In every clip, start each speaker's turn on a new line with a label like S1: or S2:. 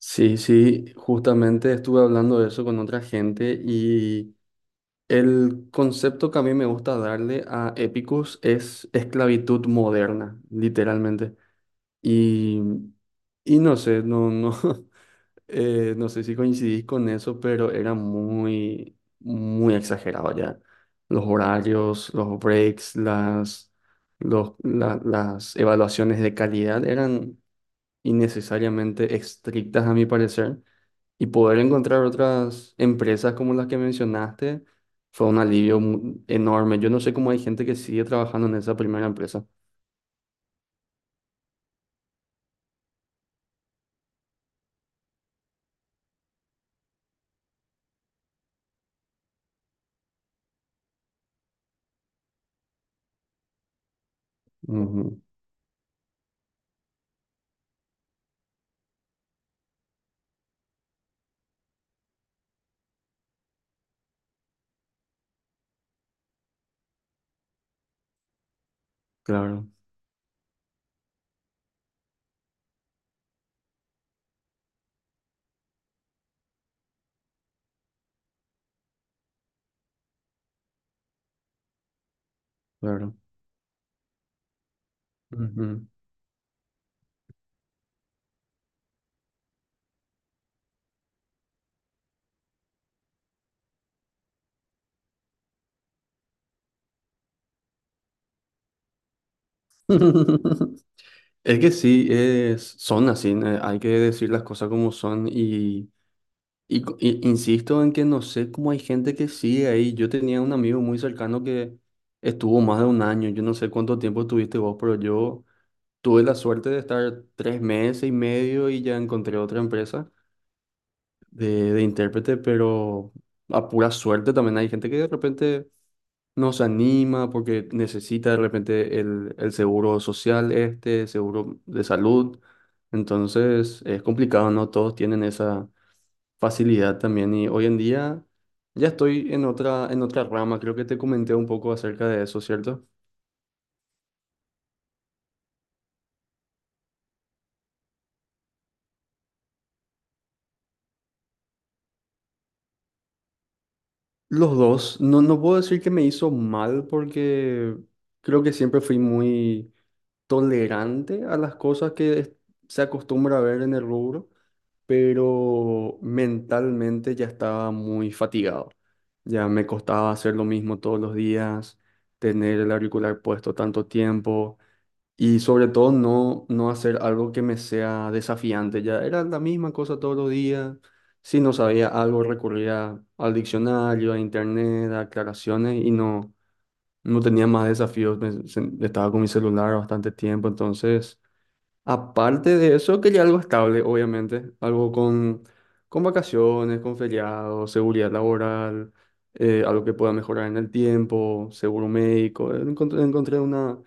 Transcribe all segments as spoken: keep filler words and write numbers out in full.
S1: Sí, sí, justamente estuve hablando de eso con otra gente y el concepto que a mí me gusta darle a Épicos es esclavitud moderna, literalmente. Y, y no sé, no, no, eh, no sé si coincidís con eso, pero era muy, muy exagerado ya. Los horarios, los breaks, las, los, la- las evaluaciones de calidad eran innecesariamente estrictas a mi parecer. Y poder encontrar otras empresas como las que mencionaste fue un alivio mu- enorme. Yo no sé cómo hay gente que sigue trabajando en esa primera empresa. Ujú, claro, claro. Ujú. Es que sí, es, son así, ne- hay que decir las cosas como son y, y, co- y insisto en que no sé cómo hay gente que sigue ahí. Yo tenía un amigo muy cercano que estuvo más de un año, yo no sé cuánto tiempo estuviste vos, pero yo... Tuve la suerte de estar tres meses y medio y ya encontré otra empresa de, de intérprete, pero a pura suerte también hay gente que de repente no se anima porque necesita de repente el, el seguro social este, seguro de salud. Entonces es complicado, ¿no? Todos tienen esa facilidad también y hoy en día ya estoy en otra, en otra rama. Creo que te comenté un poco acerca de eso, ¿cierto? Los dos, no, no puedo decir que me hizo mal porque creo que siempre fui muy tolerante a las cosas que es- se acostumbra a ver en el rubro, pero mentalmente ya estaba muy fatigado. Ya me costaba hacer lo mismo todos los días, tener el auricular puesto tanto tiempo. Y sobre todo no, no hacer algo que me sea desafiante. Ya era la misma cosa todos los días. Si no sabía algo, recurría al diccionario, a internet, a aclaraciones y no, no tenía más desafíos. Me sen- estaba con mi celular bastante tiempo, entonces... Aparte de eso, quería algo estable, obviamente, algo con, con vacaciones, con feriados, seguridad laboral, eh, algo que pueda mejorar en el tiempo, seguro médico. Eh, Encontré, encontré una,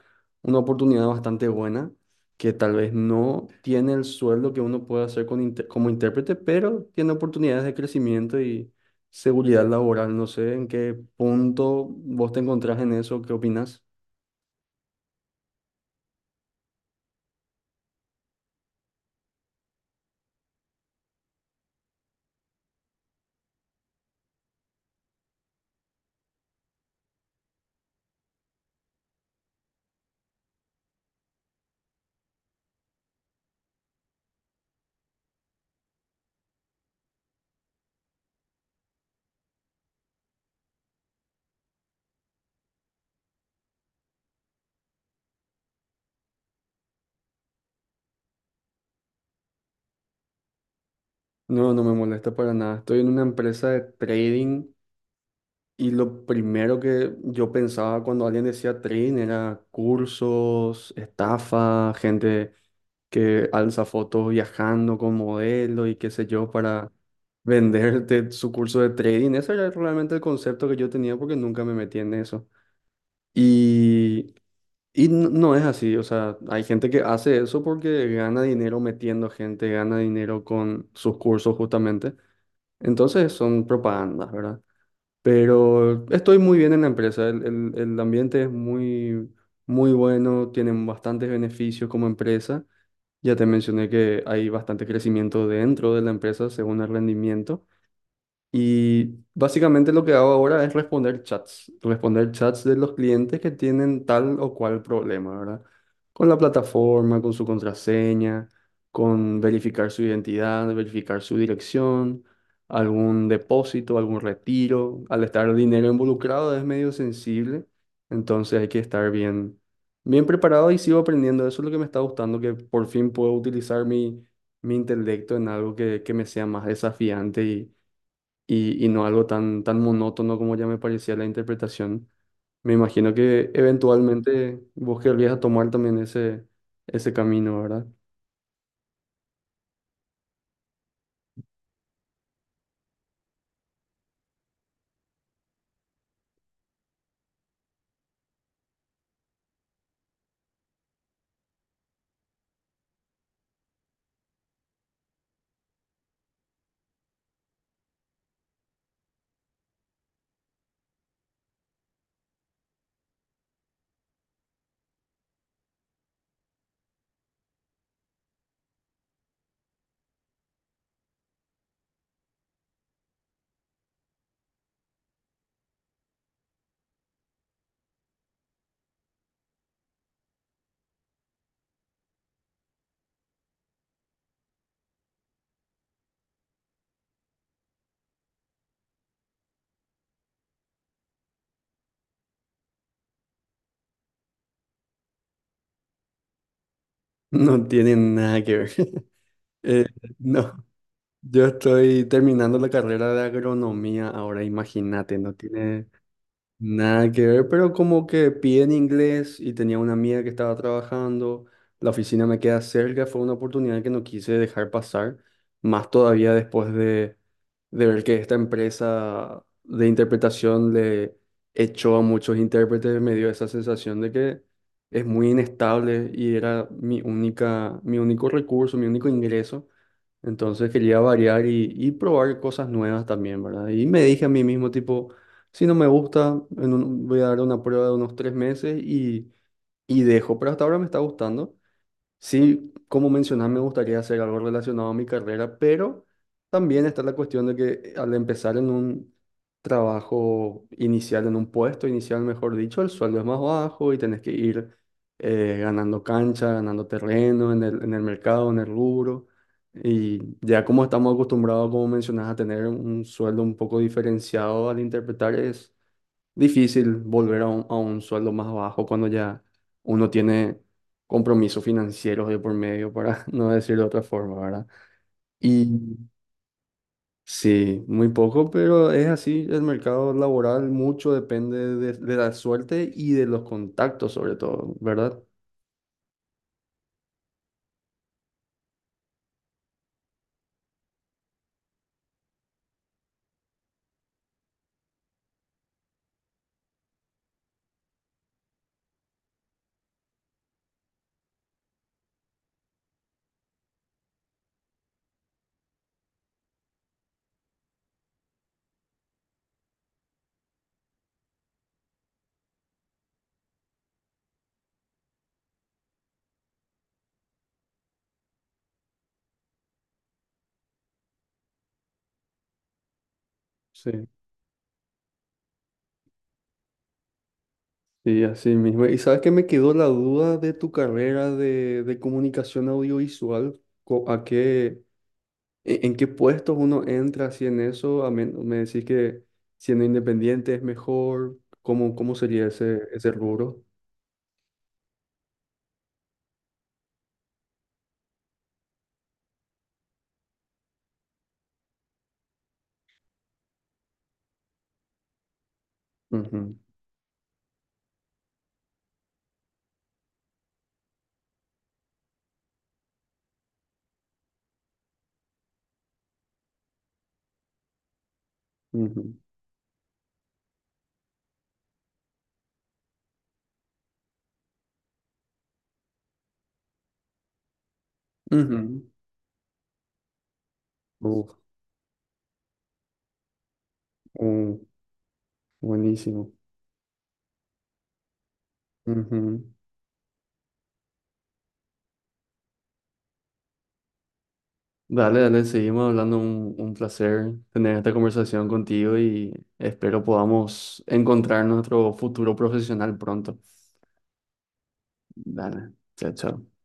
S1: una oportunidad bastante buena que tal vez no tiene el sueldo que uno puede hacer con inter- como intérprete, pero tiene oportunidades de crecimiento y seguridad laboral. No sé en qué punto vos te encontrás en eso, ¿qué opinas? No, no me molesta para nada. Estoy en una empresa de trading. Y lo primero que yo pensaba cuando alguien decía Trin era cursos, estafa, gente que alza fotos viajando con modelo y qué sé yo para venderte su curso de trading. Ese era realmente el concepto que yo tenía porque nunca me metí en eso. Y, y no, no es así, o sea, hay gente que hace eso porque gana dinero metiendo gente, gana dinero con sus cursos justamente. Entonces son propagandas, ¿verdad? Pero estoy muy bien en la empresa. El, el- el ambiente es muy, muy bueno, tienen bastantes beneficios como empresa. Ya te mencioné que hay bastante crecimiento dentro de la empresa según el rendimiento. Y básicamente lo que hago ahora es responder chats, responder chats de los clientes que tienen tal o cual problema, ¿verdad? Con la plataforma, con su contraseña, con verificar su identidad, verificar su dirección, algún depósito, algún retiro. Al estar el dinero involucrado es medio sensible, entonces hay que estar bien, bien preparado y sigo aprendiendo. Eso es lo que me está gustando, que por fin puedo utilizar mi, mi intelecto en algo que, que me sea más desafiante y y, y no algo tan, tan monótono como ya me parecía la interpretación. Me imagino que eventualmente vos querrías a tomar también ese, ese camino, ¿verdad? No tiene nada que ver. Eh, no, yo estoy terminando la carrera de agronomía ahora, imagínate, no tiene, nada que ver, pero como que piden inglés y tenía una amiga que estaba trabajando, la oficina me queda cerca, fue una oportunidad que no quise dejar pasar, más todavía después de, de ver que esta empresa de interpretación le echó a muchos intérpretes, me dio esa sensación de que es muy inestable y era mi única, mi único recurso, mi único ingreso. Entonces quería variar y, y probar cosas nuevas también, ¿verdad? Y me dije a mí mismo, tipo... Si no me gusta, en un- voy a dar una prueba de unos tres meses y, y dejo, pero hasta ahora me está gustando. Sí, como mencionás, me gustaría hacer algo relacionado a mi carrera, pero también está la cuestión de que al empezar en un trabajo inicial, en un puesto inicial, mejor dicho, el sueldo es más bajo y tenés que ir eh, ganando cancha, ganando terreno en el, en el mercado, en el rubro. Y ya como estamos acostumbrados, como mencionas a tener un sueldo un poco diferenciado al interpretar, es difícil volver a un, a un sueldo más bajo cuando ya uno tiene compromisos financieros de por medio, para no decir de otra forma, ¿verdad? Y sí, muy poco, pero es así, el mercado laboral mucho depende de, de la suerte y de los contactos sobre todo, ¿verdad? Sí. Sí, así mismo. ¿Y sabes que me quedó la duda de tu carrera de, de comunicación audiovisual? Co- ¿A qué, ¿En en qué puestos uno entra si en eso? A men- me decís que siendo independiente es mejor. ¿Cómo, cómo sería ese, ese rubro? Ujú, ujú, ujú. Uf, uh, buenísimo. Ujú. Dale, dale, seguimos hablando. Un, un placer tener esta conversación contigo y espero podamos encontrar nuestro futuro profesional pronto. Dale, chao, chao.